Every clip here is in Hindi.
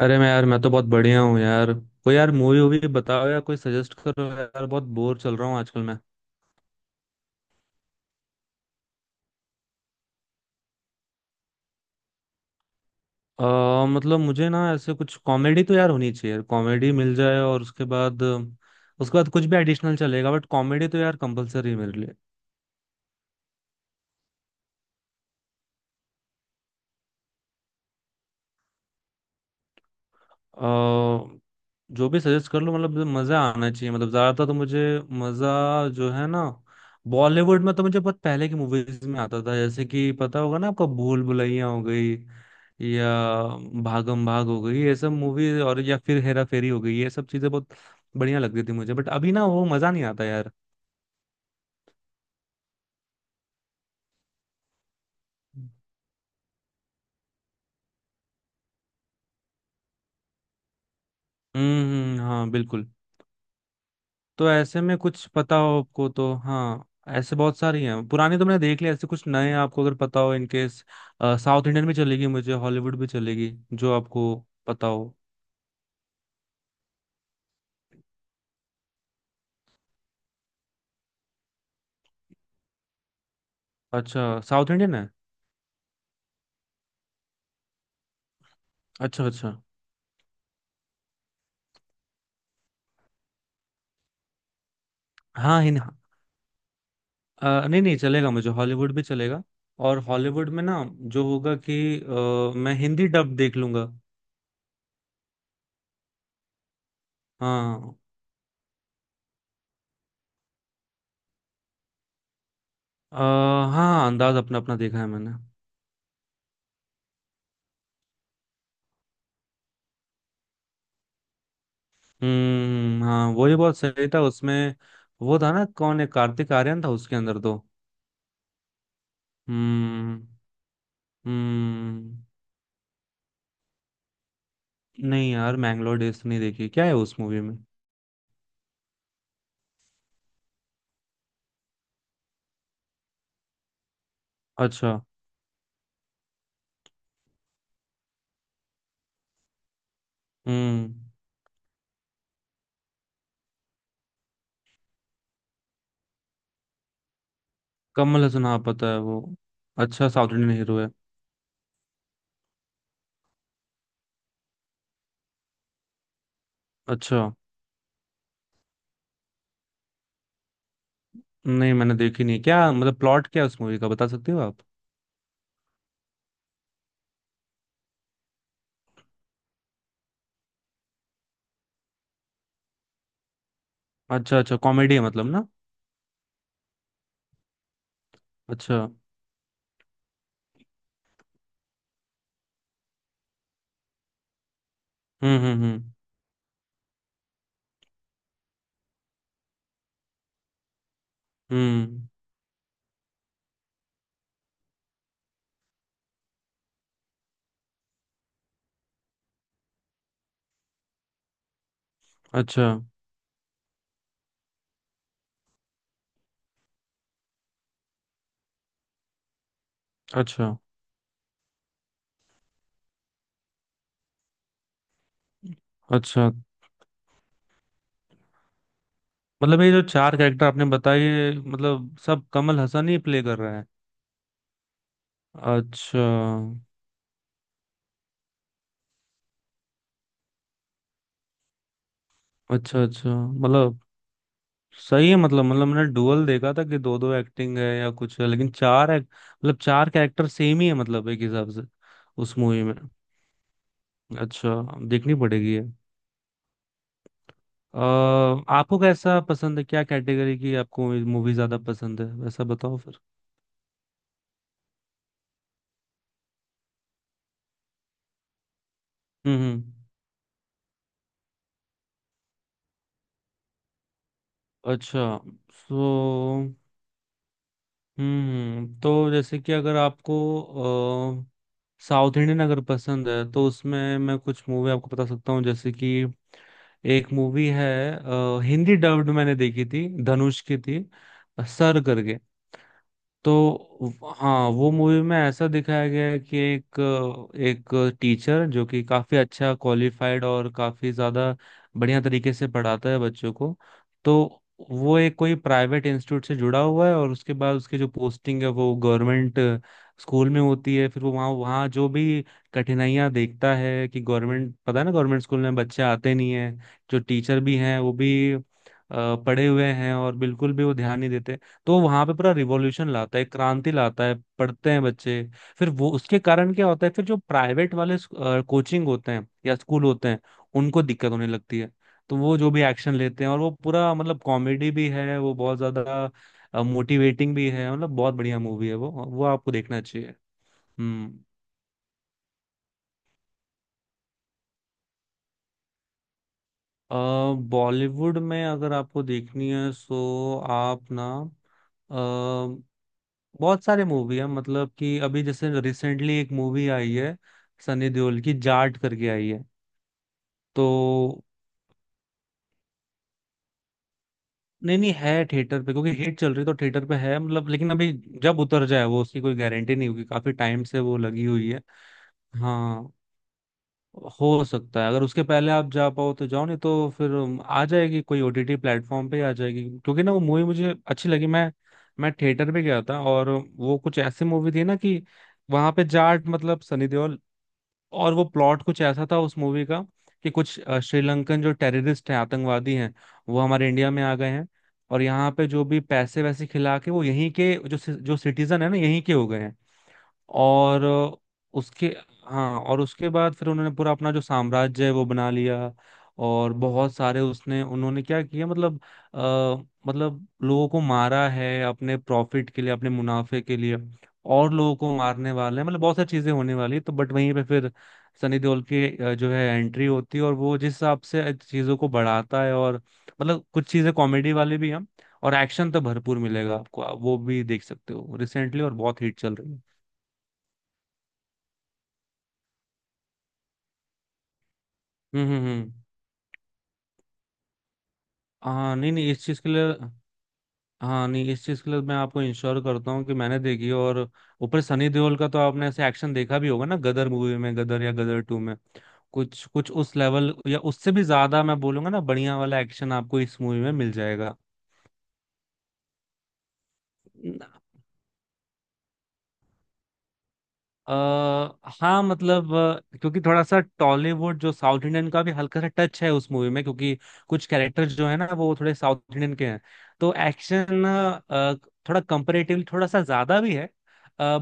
अरे मैं यार मैं तो बहुत बढ़िया हूँ यार, कोई यार मूवी वूवी बताओ या कोई सजेस्ट करो यार, बहुत बोर चल रहा हूँ आजकल मैं। मतलब मुझे ना ऐसे कुछ कॉमेडी तो यार होनी चाहिए, कॉमेडी मिल जाए और उसके बाद कुछ भी एडिशनल चलेगा, बट कॉमेडी तो यार कंपलसरी है मेरे लिए। अ, जो भी सजेस्ट कर लो, मतलब मजा आना चाहिए, मतलब ज्यादातर तो मुझे मजा जो है ना बॉलीवुड में तो मुझे बहुत पहले की मूवीज में आता था, जैसे कि पता होगा ना आपको, भूल भुलैया हो गई या भागम भाग हो गई ये सब मूवी, और या फिर हेरा फेरी हो गई ये सब चीजें बहुत बढ़िया लगती थी मुझे, बट अभी ना वो मजा नहीं आता यार। हाँ बिल्कुल। तो ऐसे में कुछ पता हो आपको तो हाँ, ऐसे बहुत सारी हैं, पुराने तो मैंने देख लिया, ऐसे कुछ नए आपको अगर पता हो इनकेस, साउथ इंडियन भी चलेगी मुझे, हॉलीवुड भी चलेगी जो आपको पता हो। अच्छा साउथ इंडियन है? अच्छा अच्छा। हाँ हिन नहीं नहीं, चलेगा मुझे, हॉलीवुड भी चलेगा। और हॉलीवुड में ना जो होगा कि मैं हिंदी डब देख लूंगा। हाँ। अ, हाँ, अंदाज अपना अपना देखा है मैंने। हाँ, वो ही बहुत सही था उसमें। वो था ना, कौन है, कार्तिक आर्यन था उसके अंदर तो। हम्म। हम्म। नहीं यार, मैंगलोर डेज तो नहीं देखी, क्या है उस मूवी में? अच्छा। हम्म। कमल हसन, हाँ पता है वो। अच्छा, साउथ इंडियन हीरो है। अच्छा। नहीं, मैंने देखी नहीं, क्या मतलब प्लॉट क्या है उस मूवी का, बता सकते हो आप? अच्छा अच्छा, कॉमेडी है मतलब ना? अच्छा। हम्म। हम्म। अच्छा अच्छा। अच्छा मतलब, ये जो चार कैरेक्टर आपने बताए, ये मतलब सब कमल हसन ही प्ले कर रहे हैं? अच्छा अच्छा। अच्छा मतलब सही है, मतलब मतलब मैंने डुअल देखा था कि दो दो एक्टिंग है या कुछ है, लेकिन चार मतलब चार कैरेक्टर सेम ही है, मतलब एक हिसाब से उस मूवी में। अच्छा, देखनी पड़ेगी ये। अ, आपको कैसा पसंद है, क्या कैटेगरी की आपको मूवी ज्यादा पसंद है, वैसा बताओ फिर। हम्म। अच्छा। सो हम्म, तो जैसे कि अगर आपको अ, साउथ इंडियन अगर पसंद है तो उसमें मैं कुछ मूवी आपको बता सकता हूँ, जैसे कि एक मूवी है, हिंदी डब्ड मैंने देखी थी, धनुष की थी, सर करके। तो हाँ, वो मूवी में ऐसा दिखाया गया है कि एक एक टीचर जो कि काफी अच्छा क्वालिफाइड और काफी ज्यादा बढ़िया तरीके से पढ़ाता है बच्चों को। तो वो एक कोई प्राइवेट इंस्टीट्यूट से जुड़ा हुआ है, और उसके बाद उसकी जो पोस्टिंग है वो गवर्नमेंट स्कूल में होती है, फिर वो वहाँ वहाँ जो भी कठिनाइयाँ देखता है कि गवर्नमेंट, पता है ना, गवर्नमेंट स्कूल में बच्चे आते नहीं हैं, जो टीचर भी हैं वो भी पढ़े हुए हैं और बिल्कुल भी वो ध्यान नहीं देते। तो वहां पे पूरा रिवॉल्यूशन लाता है, क्रांति लाता है, पढ़ते हैं बच्चे। फिर वो उसके कारण क्या होता है, फिर जो प्राइवेट वाले कोचिंग होते हैं या स्कूल होते हैं, उनको दिक्कत होने लगती है, तो वो जो भी एक्शन लेते हैं, और वो पूरा मतलब कॉमेडी भी है वो, बहुत ज्यादा मोटिवेटिंग भी है, मतलब बहुत बढ़िया मूवी है वो आपको देखना चाहिए। हम्म। अ, बॉलीवुड में अगर आपको देखनी है सो आप ना बहुत सारे मूवी है, मतलब कि अभी जैसे रिसेंटली एक मूवी आई है, सनी देओल की, जाट करके आई है। तो नहीं, नहीं है थिएटर पे, क्योंकि हिट चल रही है तो थिएटर पे है मतलब, लेकिन अभी जब उतर जाए वो, उसकी कोई गारंटी नहीं होगी, काफी टाइम से वो लगी हुई है। हाँ हो सकता है, अगर उसके पहले आप जा पाओ तो जाओ, नहीं तो फिर आ जाएगी, कोई ओटीटी प्लेटफॉर्म पे आ जाएगी, क्योंकि ना वो मूवी मुझे अच्छी लगी, मैं थिएटर पे गया था, और वो कुछ ऐसी मूवी थी ना कि वहां पे जाट मतलब सनी देओल, और वो प्लॉट कुछ ऐसा था उस मूवी का कि कुछ श्रीलंकन जो टेररिस्ट हैं, आतंकवादी हैं, वो हमारे इंडिया में आ गए हैं, और यहाँ पे जो भी पैसे वैसे खिला के वो यहीं के जो जो सिटीजन है ना, यहीं के हो गए हैं, और उसके हाँ, और उसके बाद फिर उन्होंने पूरा अपना जो साम्राज्य है वो बना लिया, और बहुत सारे उसने उन्होंने क्या किया मतलब, आ, मतलब लोगों को मारा है अपने प्रॉफिट के लिए, अपने मुनाफे के लिए, और लोगों को मारने वाले हैं, मतलब बहुत सारी चीजें होने वाली है, तो बट वहीं पे फिर सनी देओल की जो है एंट्री होती है, और वो जिस हिसाब से चीजों को बढ़ाता है, और मतलब कुछ चीजें कॉमेडी वाली भी हैं, और एक्शन तो भरपूर मिलेगा आपको, आप वो भी देख सकते हो, रिसेंटली और बहुत हिट चल रही है। हम्म हम्म हम्म। हाँ नहीं नहीं, इस चीज के लिए, हाँ नहीं, इस चीज के लिए मैं आपको इंश्योर करता हूँ कि मैंने देखी है, और ऊपर सनी देओल का तो आपने ऐसे एक्शन देखा भी होगा ना गदर मूवी में, गदर या गदर टू में, कुछ कुछ उस लेवल या उससे भी ज्यादा मैं बोलूंगा ना, बढ़िया वाला एक्शन आपको इस मूवी में मिल जाएगा। अ हाँ मतलब, क्योंकि थोड़ा सा टॉलीवुड जो साउथ इंडियन का भी हल्का सा टच है उस मूवी में, क्योंकि कुछ कैरेक्टर्स जो है ना वो थोड़े साउथ इंडियन के हैं, तो एक्शन थोड़ा कंपेरेटिवली थोड़ा सा ज्यादा भी है,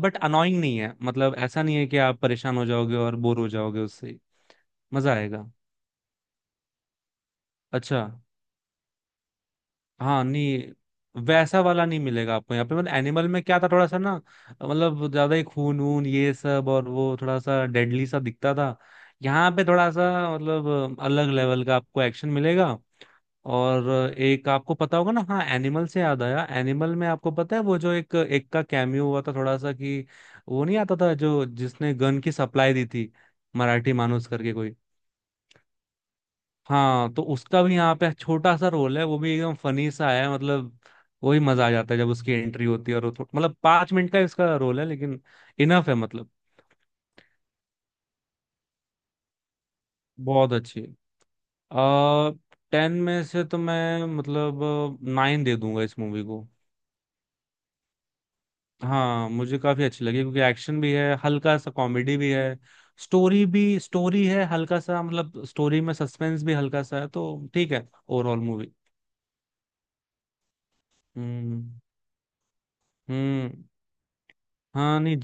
बट अनोइंग नहीं है, मतलब ऐसा नहीं है कि आप परेशान हो जाओगे और बोर हो जाओगे उससे, मजा आएगा। अच्छा, हाँ नहीं, वैसा वाला नहीं मिलेगा आपको यहाँ पे, मतलब एनिमल में क्या था थोड़ा सा ना, मतलब ज्यादा ही खून वून ये सब, और वो थोड़ा सा डेडली सा दिखता था, यहाँ पे थोड़ा सा मतलब अलग लेवल का आपको एक्शन मिलेगा। और एक आपको पता होगा ना, हाँ, एनिमल से याद आया, एनिमल में आपको पता है वो जो एक एक का कैमियो हुआ था थोड़ा सा, कि वो नहीं आता था जो जिसने गन की सप्लाई दी थी, मराठी मानुस करके कोई। हाँ, तो उसका भी यहाँ पे छोटा सा रोल है, वो भी एकदम फनी सा है मतलब, वही मजा आ जाता है जब उसकी एंट्री होती है, और वो मतलब 5 मिनट का इसका रोल है, लेकिन इनफ है मतलब। बहुत अच्छी है। आ, 10 में से तो मैं मतलब 9 दे दूंगा इस मूवी को। हाँ मुझे काफी अच्छी लगी, क्योंकि एक्शन भी है हल्का सा, कॉमेडी भी है, स्टोरी भी, स्टोरी है हल्का सा मतलब, स्टोरी में सस्पेंस भी हल्का सा है, तो ठीक है ओवरऑल मूवी। हम्म। हम्म। हाँ नहीं,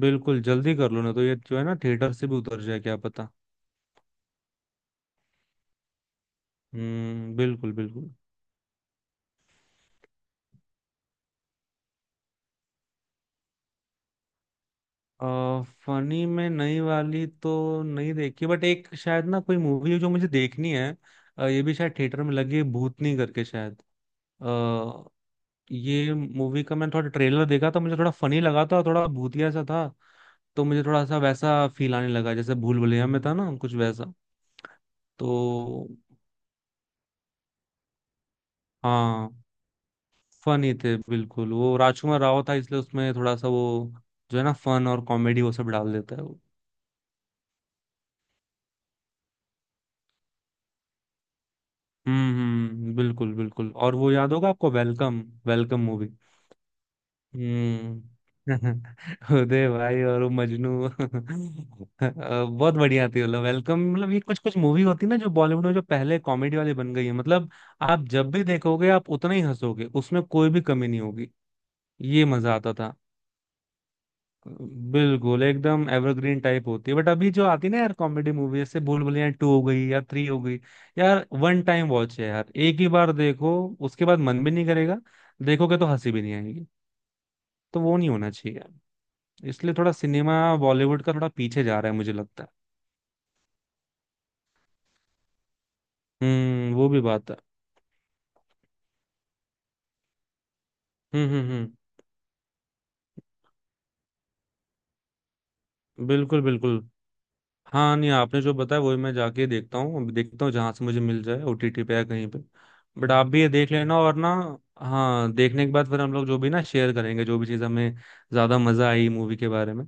बिल्कुल जल्दी कर लो ना, तो ये जो है ना थिएटर से भी उतर जाए क्या पता। हम्म, बिल्कुल बिल्कुल। फनी में नई वाली तो नहीं देखी, बट एक शायद ना कोई मूवी है जो मुझे देखनी है, ये भी शायद थिएटर में लगी है, भूतनी करके शायद। आ, ये मूवी का मैंने थोड़ा ट्रेलर देखा था, मुझे थोड़ा फनी लगा था और थोड़ा भूतिया सा था, तो मुझे थोड़ा सा वैसा फील आने लगा जैसे भूल भुलैया में था ना, कुछ वैसा। तो हाँ, फनी थे बिल्कुल, वो राजकुमार राव था इसलिए उसमें थोड़ा सा वो जो है ना फन और कॉमेडी वो सब डाल देता है वो। हम्म, बिल्कुल बिल्कुल, और वो याद होगा आपको वेलकम, वेलकम मूवी। हम्म। उदय भाई और वो मजनू, बहुत बढ़िया थी मतलब, वेलकम मतलब ये कुछ कुछ मूवी होती है ना जो बॉलीवुड में जो पहले कॉमेडी वाली बन गई है, मतलब आप जब भी देखोगे आप उतना ही हंसोगे, उसमें कोई भी कमी नहीं होगी। ये मजा आता था। बिल्कुल एकदम एवरग्रीन टाइप होती है, बट अभी जो आती है ना यार कॉमेडी मूवी, जैसे भूल भुलैया टू हो गई या थ्री हो गई, यार वन टाइम वॉच है यार, एक ही बार देखो, उसके बाद मन भी नहीं करेगा, देखोगे तो हंसी भी नहीं आएगी, तो वो नहीं होना चाहिए यार। इसलिए थोड़ा सिनेमा, बॉलीवुड का थोड़ा पीछे जा रहा है मुझे लगता है। हम्म, वो भी बात है। हम्म, बिल्कुल बिल्कुल। हाँ नहीं, आपने जो बताया वही मैं जाके देखता हूँ अब, देखता हूँ जहां से मुझे मिल जाए, ओटीटी पे या कहीं पे, बट आप भी ये देख लेना और ना, हाँ देखने के बाद फिर हम लोग जो भी ना शेयर करेंगे जो भी चीज़ हमें ज्यादा मजा आई मूवी के बारे में।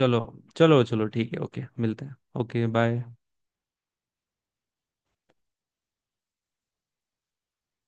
चलो चलो चलो, ठीक है, ओके, मिलते हैं। Okay bye.